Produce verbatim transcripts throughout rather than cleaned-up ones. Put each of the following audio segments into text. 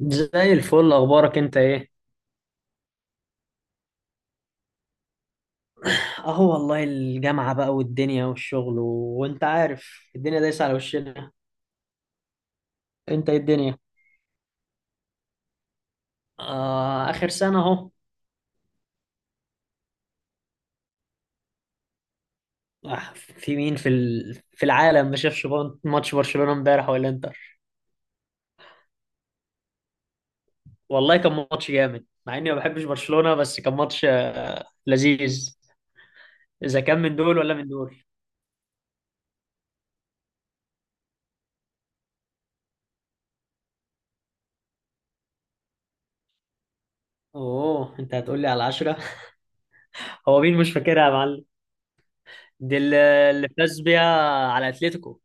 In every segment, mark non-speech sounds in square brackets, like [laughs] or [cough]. زي الفل، اخبارك انت ايه؟ اهو والله الجامعة بقى والدنيا والشغل و... وانت عارف الدنيا دايسة على وشنا. انت ايه الدنيا؟ آه، اخر سنة اهو. آه، في مين في ال... في العالم ما شافش بان- ماتش برشلونة امبارح ولا انتر؟ والله كان ماتش جامد، مع اني ما بحبش برشلونة، بس كان ماتش آه لذيذ. اذا كان من دول ولا من دول. اوه، انت هتقول لي على العشرة. [laughs] هو مين مش فاكرها يا معلم؟ دي اللي اللي فاز بيها على اتلتيكو.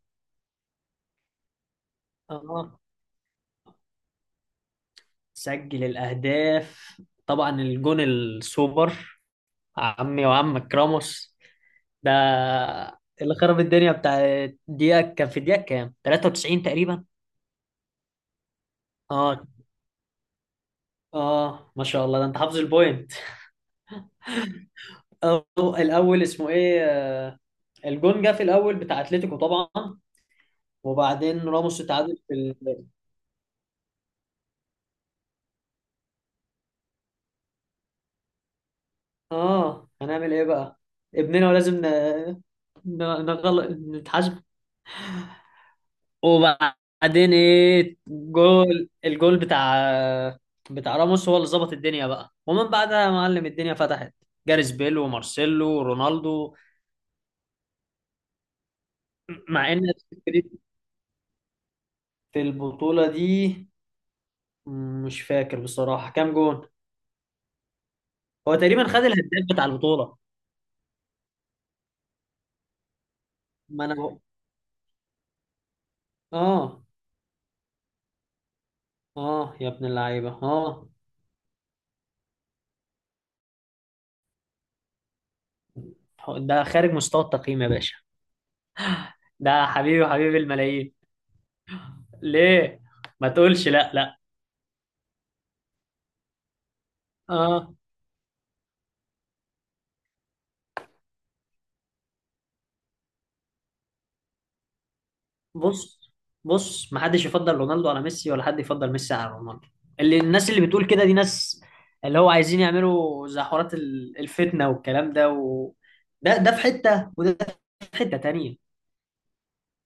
اه، سجل الأهداف طبعا الجون السوبر، عمي وعمك راموس. ده اللي خرب الدنيا بتاع. دقيقة، كان في دقيقة كام؟ تلاتة وتسعين تقريبا. اه، اه، ما شاء الله، ده انت حافظ البوينت. أو الأول اسمه ايه آه، الجون جه في الأول بتاع أتلتيكو طبعا. وبعدين راموس اتعادل في ال... اه، هنعمل ايه بقى؟ ابننا ولازم ن... ن... نغل... نتحاسب. وبعدين ايه؟ جول الجول بتاع بتاع راموس هو اللي ظبط الدنيا بقى، ومن بعدها يا معلم الدنيا فتحت، جاريث بيل ومارسيلو ورونالدو. مع ان في البطولة دي مش فاكر بصراحة كام جون. هو تقريبا خد الهداف بتاع البطولة. ما انا بقول. اه، اه يا ابن اللعيبة، اه. ده خارج مستوى التقييم يا باشا. ده حبيبي، حبيبي الملايين. ليه ما تقولش لا، لا. آه. بص، بص محدش يفضل رونالدو على ميسي، ولا حد يفضل ميسي على رونالدو. اللي الناس اللي بتقول كده دي ناس اللي هو عايزين يعملوا زي حوارات ال- الفتنة والكلام ده و... ده ده في حتة، وده في حتة تانية.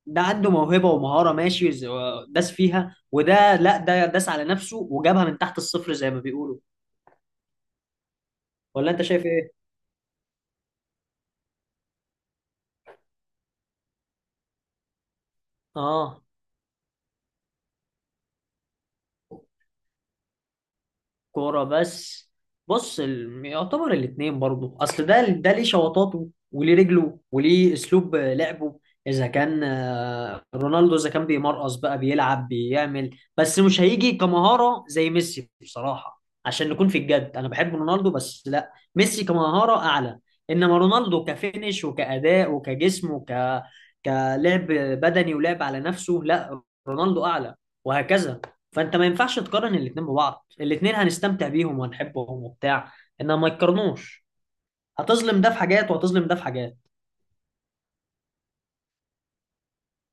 ده عنده موهبة ومهارة ماشي، ز- داس فيها، وده لا، ده داس على نفسه وجابها من تحت الصفر زي ما بيقولوا. ولا انت شايف ايه؟ اه، كورة بس. بص، ال- يعتبر الاتنين برضه، اصل ده ده ليه شوطاته وليه رجله وليه اسلوب لعبه. اذا كان آه، رونالدو اذا كان بيمرقص بقى، بيلعب، بيعمل، بس مش هيجي كمهارة زي ميسي. بصراحة عشان نكون في الجد، انا بحب رونالدو بس لا، ميسي كمهارة اعلى. انما رونالدو كفينش وكأداء وكجسم وك كلعب بدني ولعب على نفسه، لا، رونالدو اعلى، وهكذا. فانت ما ينفعش تقارن الاتنين ببعض. الاتنين هنستمتع بيهم وهنحبهم وبتاع، انما ما يتقارنوش. هتظلم ده في حاجات، وهتظلم ده في حاجات.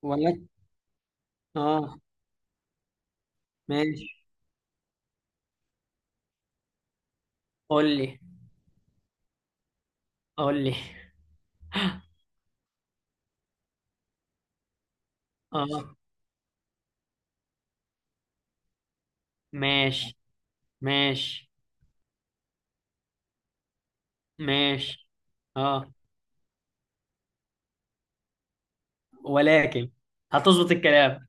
ولا. اه، ماشي. قول لي. قول لي. اه، ماشي. ماشي. ماشي. اه، ولكن. هتظبط الكلام.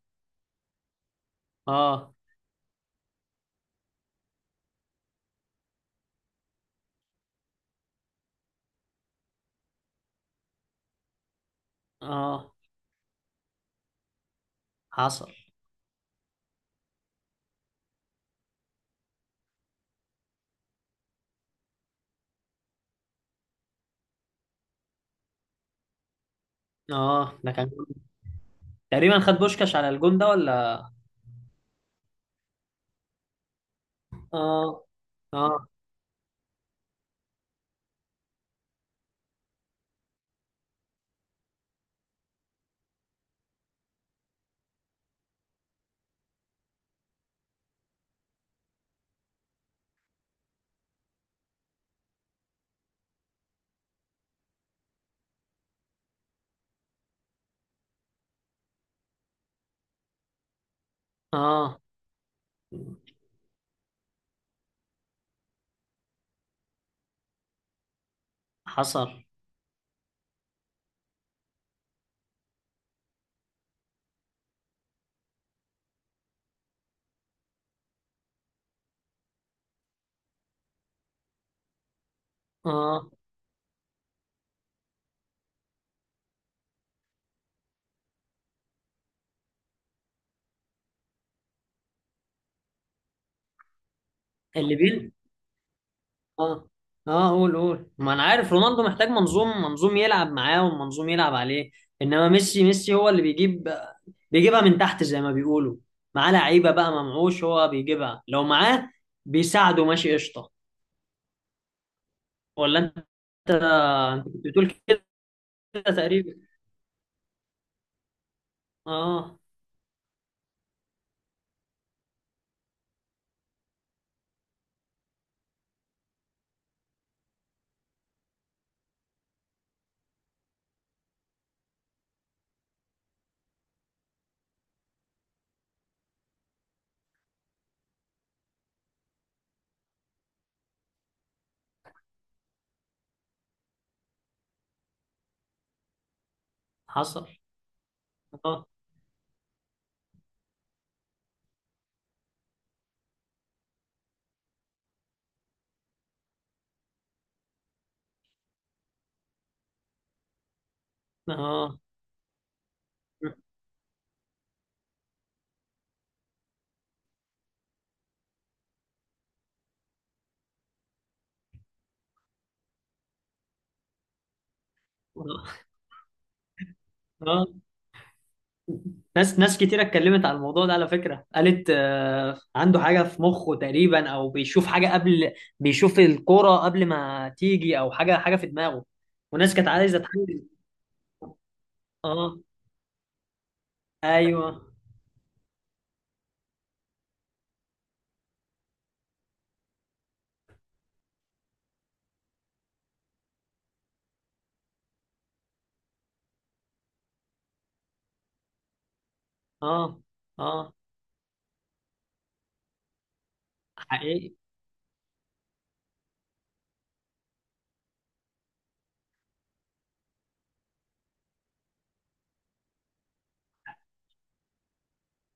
اه. اه. حصل. اه، ده كان جون. تقريبا خد بوشكاش على الجون ده ولا؟ اه. اه. اه. حصل. اه، اللي بين. اه، اه، قول، قول، ما انا عارف رونالدو محتاج منظوم، منظوم يلعب معاه ومنظوم يلعب عليه. انما ميسي ميسي هو اللي بيجيب، بيجيبها من تحت زي ما بيقولوا. معاه لعيبه بقى ممعوش، هو بيجيبها لو معاه بيساعده. ماشي، قشطه. ولا انت. انت كنت بتقول كده تقريبا. اه، حصل. اه. اه. اه. آه. ناس ناس كتير اتكلمت على الموضوع ده على فكرة، قالت آه، عنده حاجة في مخه تقريبا، او بيشوف حاجة قبل، بيشوف الكورة قبل ما تيجي، او حاجة حاجة في دماغه. وناس كانت عايزة تحلل. اه، ايوه. اه. اه. حقيقي.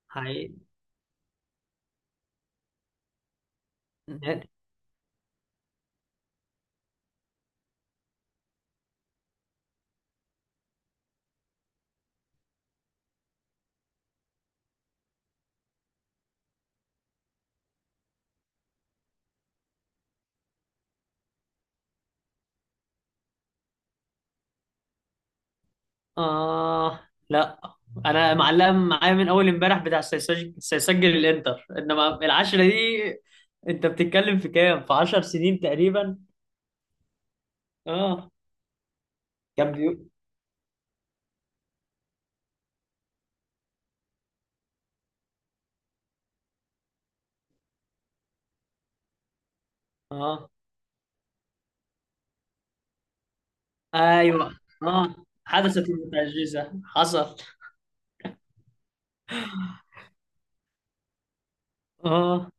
حقيقي. اه، لا، انا معلقة معايا من اول امبارح بتاع سيسج- سيسجل الانتر، انما العشرة دي انت بتتكلم في كام، في عشر سنين تقريبا. اه، كان بيقول. اه، ايوه. اه، حدثت المتعجزة، حصل. اه.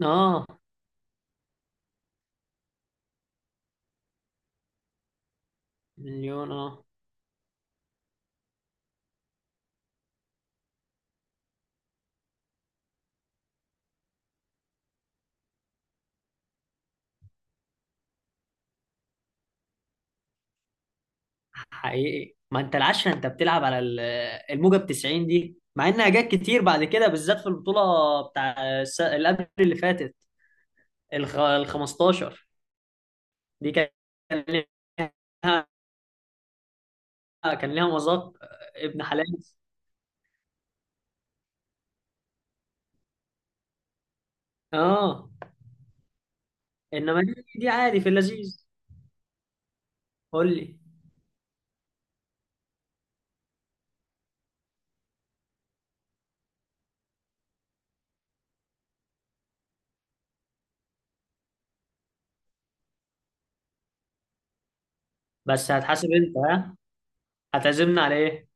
اه. مليون، اه. حقيقي، ما انت العشرة انت بتلعب على ال- الموجة ب تسعين، دي مع انها جت كتير بعد كده، بالذات في البطولة بتاع الس- اللي قبل اللي فاتت، الخ... ال خمستاشر. دي كان ليها، كان ليها مذاق آه، ابن حلال. اه، انما دي، دي عادي في اللذيذ. قول لي. بس هتحاسب انت، ها؟ هتعزمنا على ايه؟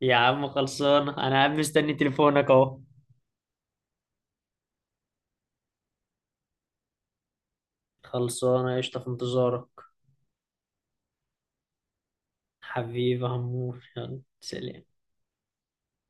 يا عم خلصانة، أنا قاعد مستني تليفونك أهو. خلصانة قشطة، في انتظارك. حبيبي يا عمور، يلا سلام.